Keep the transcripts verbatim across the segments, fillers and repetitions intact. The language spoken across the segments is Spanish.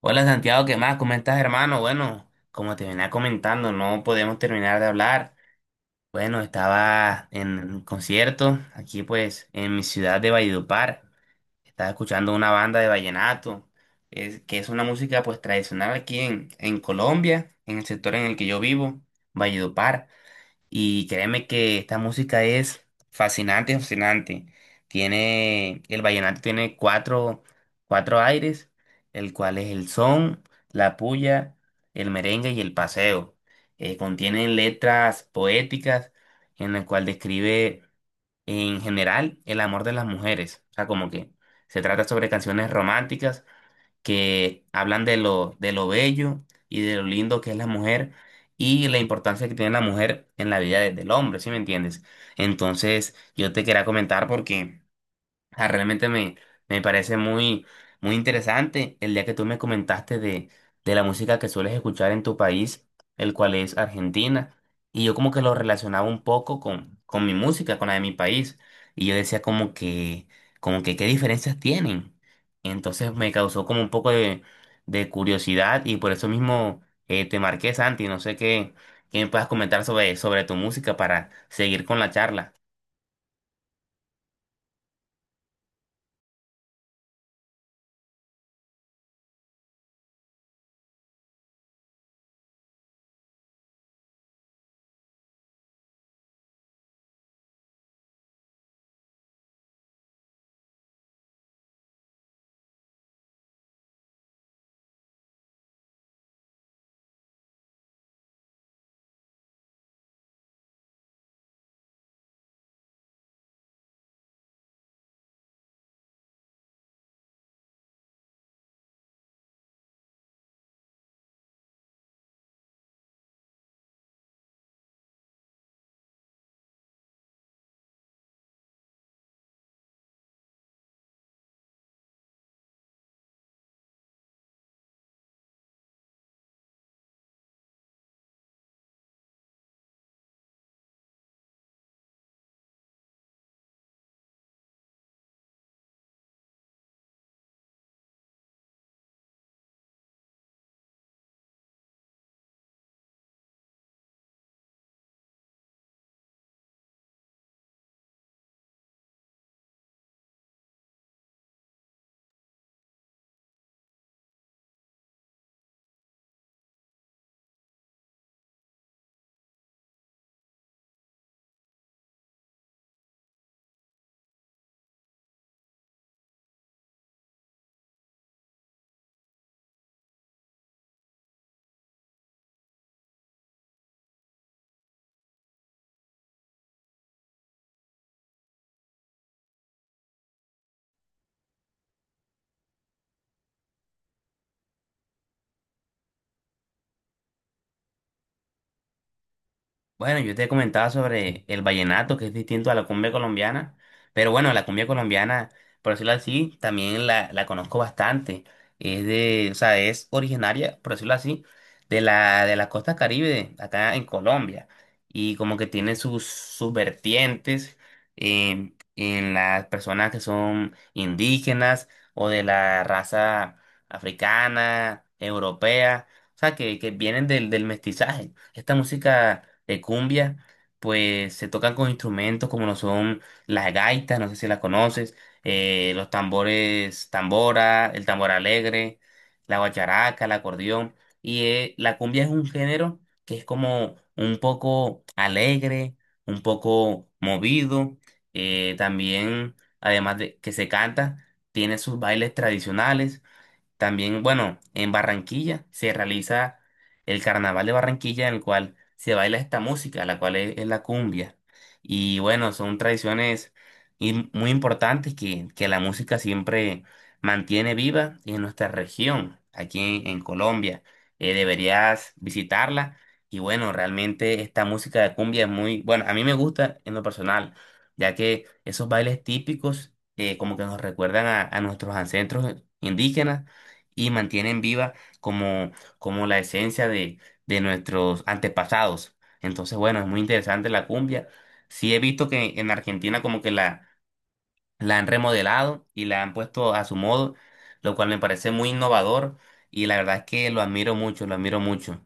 Hola Santiago, ¿qué más? ¿Cómo estás, hermano? Bueno, como te venía comentando, no podemos terminar de hablar. Bueno, estaba en un concierto aquí pues en mi ciudad de Valledupar. Estaba escuchando una banda de vallenato, es- que es una música pues tradicional aquí en, en Colombia, en el sector en el que yo vivo, Valledupar. Y créeme que esta música es fascinante, fascinante. Tiene, el vallenato tiene cuatro, cuatro aires, el cual es el son, la puya, el merengue y el paseo. Eh, contiene letras poéticas en el cual describe en general el amor de las mujeres. O sea, como que se trata sobre canciones románticas que hablan de lo, de lo bello y de lo lindo que es la mujer y la importancia que tiene la mujer en la vida de- del hombre, ¿sí me entiendes? Entonces, yo te quería comentar porque sea, realmente me, me parece muy, muy interesante el día que tú me comentaste de, de la música que sueles escuchar en tu país, el cual es Argentina, y yo como que lo relacionaba un poco con, con mi música, con la de mi país, y yo decía como que, como que qué diferencias tienen. Entonces me causó como un poco de, de curiosidad y por eso mismo eh, te marqué, Santi, no sé qué, qué me puedas comentar sobre, sobre tu música para seguir con la charla. Bueno, yo te comentaba sobre el vallenato, que es distinto a la cumbia colombiana, pero bueno, la cumbia colombiana, por decirlo así, también la, la conozco bastante. Es de, o sea, es originaria, por decirlo así, de la, de la costa Caribe, acá en Colombia, y como que tiene sus, sus vertientes en, en las personas que son indígenas o de la raza africana, europea, o sea, que, que vienen del, del mestizaje. Esta música de cumbia, pues se tocan con instrumentos como lo son las gaitas, no sé si las conoces, eh, los tambores, tambora, el tambor alegre, la guacharaca, el acordeón. Y eh, la cumbia es un género que es como un poco alegre, un poco movido, eh, también, además de que se canta, tiene sus bailes tradicionales también. Bueno, en Barranquilla se realiza el Carnaval de Barranquilla en el cual se baila esta música, la cual es, es la cumbia. Y bueno, son tradiciones im- muy importantes que, que la música siempre mantiene viva en nuestra región, aquí en, en Colombia. Eh, deberías visitarla. Y bueno, realmente esta música de cumbia es muy, bueno, a mí me gusta en lo personal, ya que esos bailes típicos eh, como que nos recuerdan a a nuestros ancestros indígenas y mantienen viva como, como la esencia de, de nuestros antepasados. Entonces, bueno, es muy interesante la cumbia. Sí he visto que en Argentina como que la, la han remodelado y la han puesto a su modo, lo cual me parece muy innovador y la verdad es que lo admiro mucho, lo admiro mucho.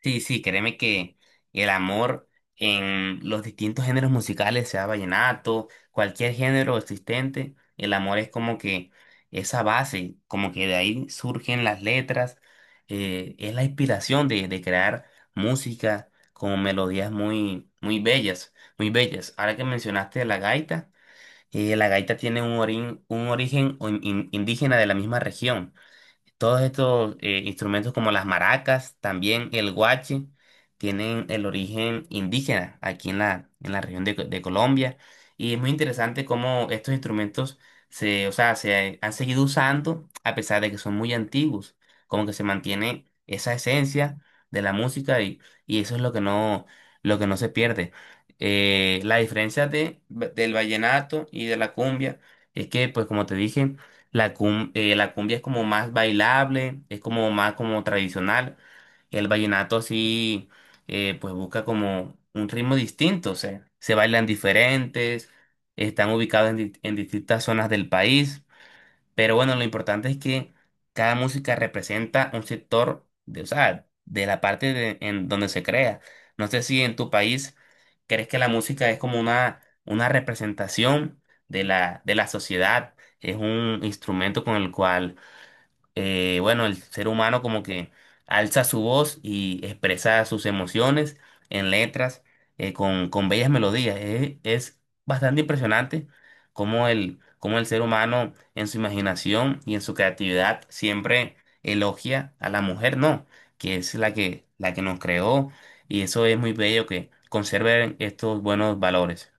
Sí, sí, créeme que el amor en los distintos géneros musicales, sea vallenato, cualquier género existente, el amor es como que esa base, como que de ahí surgen las letras, eh, es la inspiración de, de crear música con melodías muy, muy bellas, muy bellas. Ahora que mencionaste la gaita, eh, la gaita tiene un, orin- un origen o in- in- indígena de la misma región. Todos estos eh, instrumentos como las maracas, también el guache, tienen el origen indígena aquí en la, en la región de, Co- de Colombia. Y es muy interesante cómo estos instrumentos se, o sea, se han seguido usando a pesar de que son muy antiguos. Como que se mantiene esa esencia de la música y, y eso es lo que no, lo que no se pierde. Eh, la diferencia de, del vallenato y de la cumbia es que, pues como te dije, la cum- eh, la cumbia es como más bailable, es como más como tradicional. El vallenato sí, eh, pues busca como un ritmo distinto, o sea, se bailan diferentes, están ubicados en, di- en distintas zonas del país. Pero bueno, lo importante es que cada música representa un sector de, o sea, de la parte de- en donde se crea. No sé si en tu país crees que la música es como una, una representación de la, de la sociedad, es un instrumento con el cual eh, bueno, el ser humano como que alza su voz y expresa sus emociones en letras eh, con, con bellas melodías. Eh, Es, bastante impresionante cómo el, cómo el ser humano en su imaginación y en su creatividad siempre elogia a la mujer, ¿no? Que es la que, la que nos creó y eso es muy bello que conserven estos buenos valores.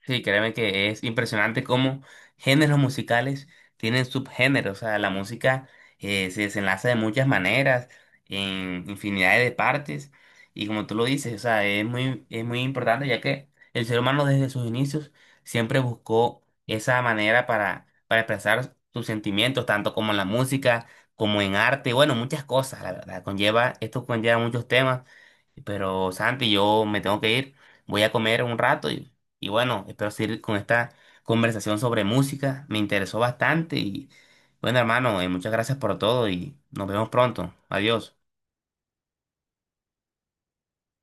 Sí, créeme que es impresionante cómo géneros musicales tienen subgéneros. O sea, la música eh, se desenlaza de muchas maneras, en infinidad de partes. Y como tú lo dices, o sea, es muy, es muy importante ya que el ser humano desde sus inicios siempre buscó esa manera para, para expresar sus sentimientos, tanto como en la música, como en arte, bueno, muchas cosas, la verdad. Conlleva, esto conlleva muchos temas. Pero Santi, yo me tengo que ir. Voy a comer un rato y y bueno, espero seguir con esta conversación sobre música. Me interesó bastante y bueno, hermano, eh, muchas gracias por todo y nos vemos pronto. Adiós.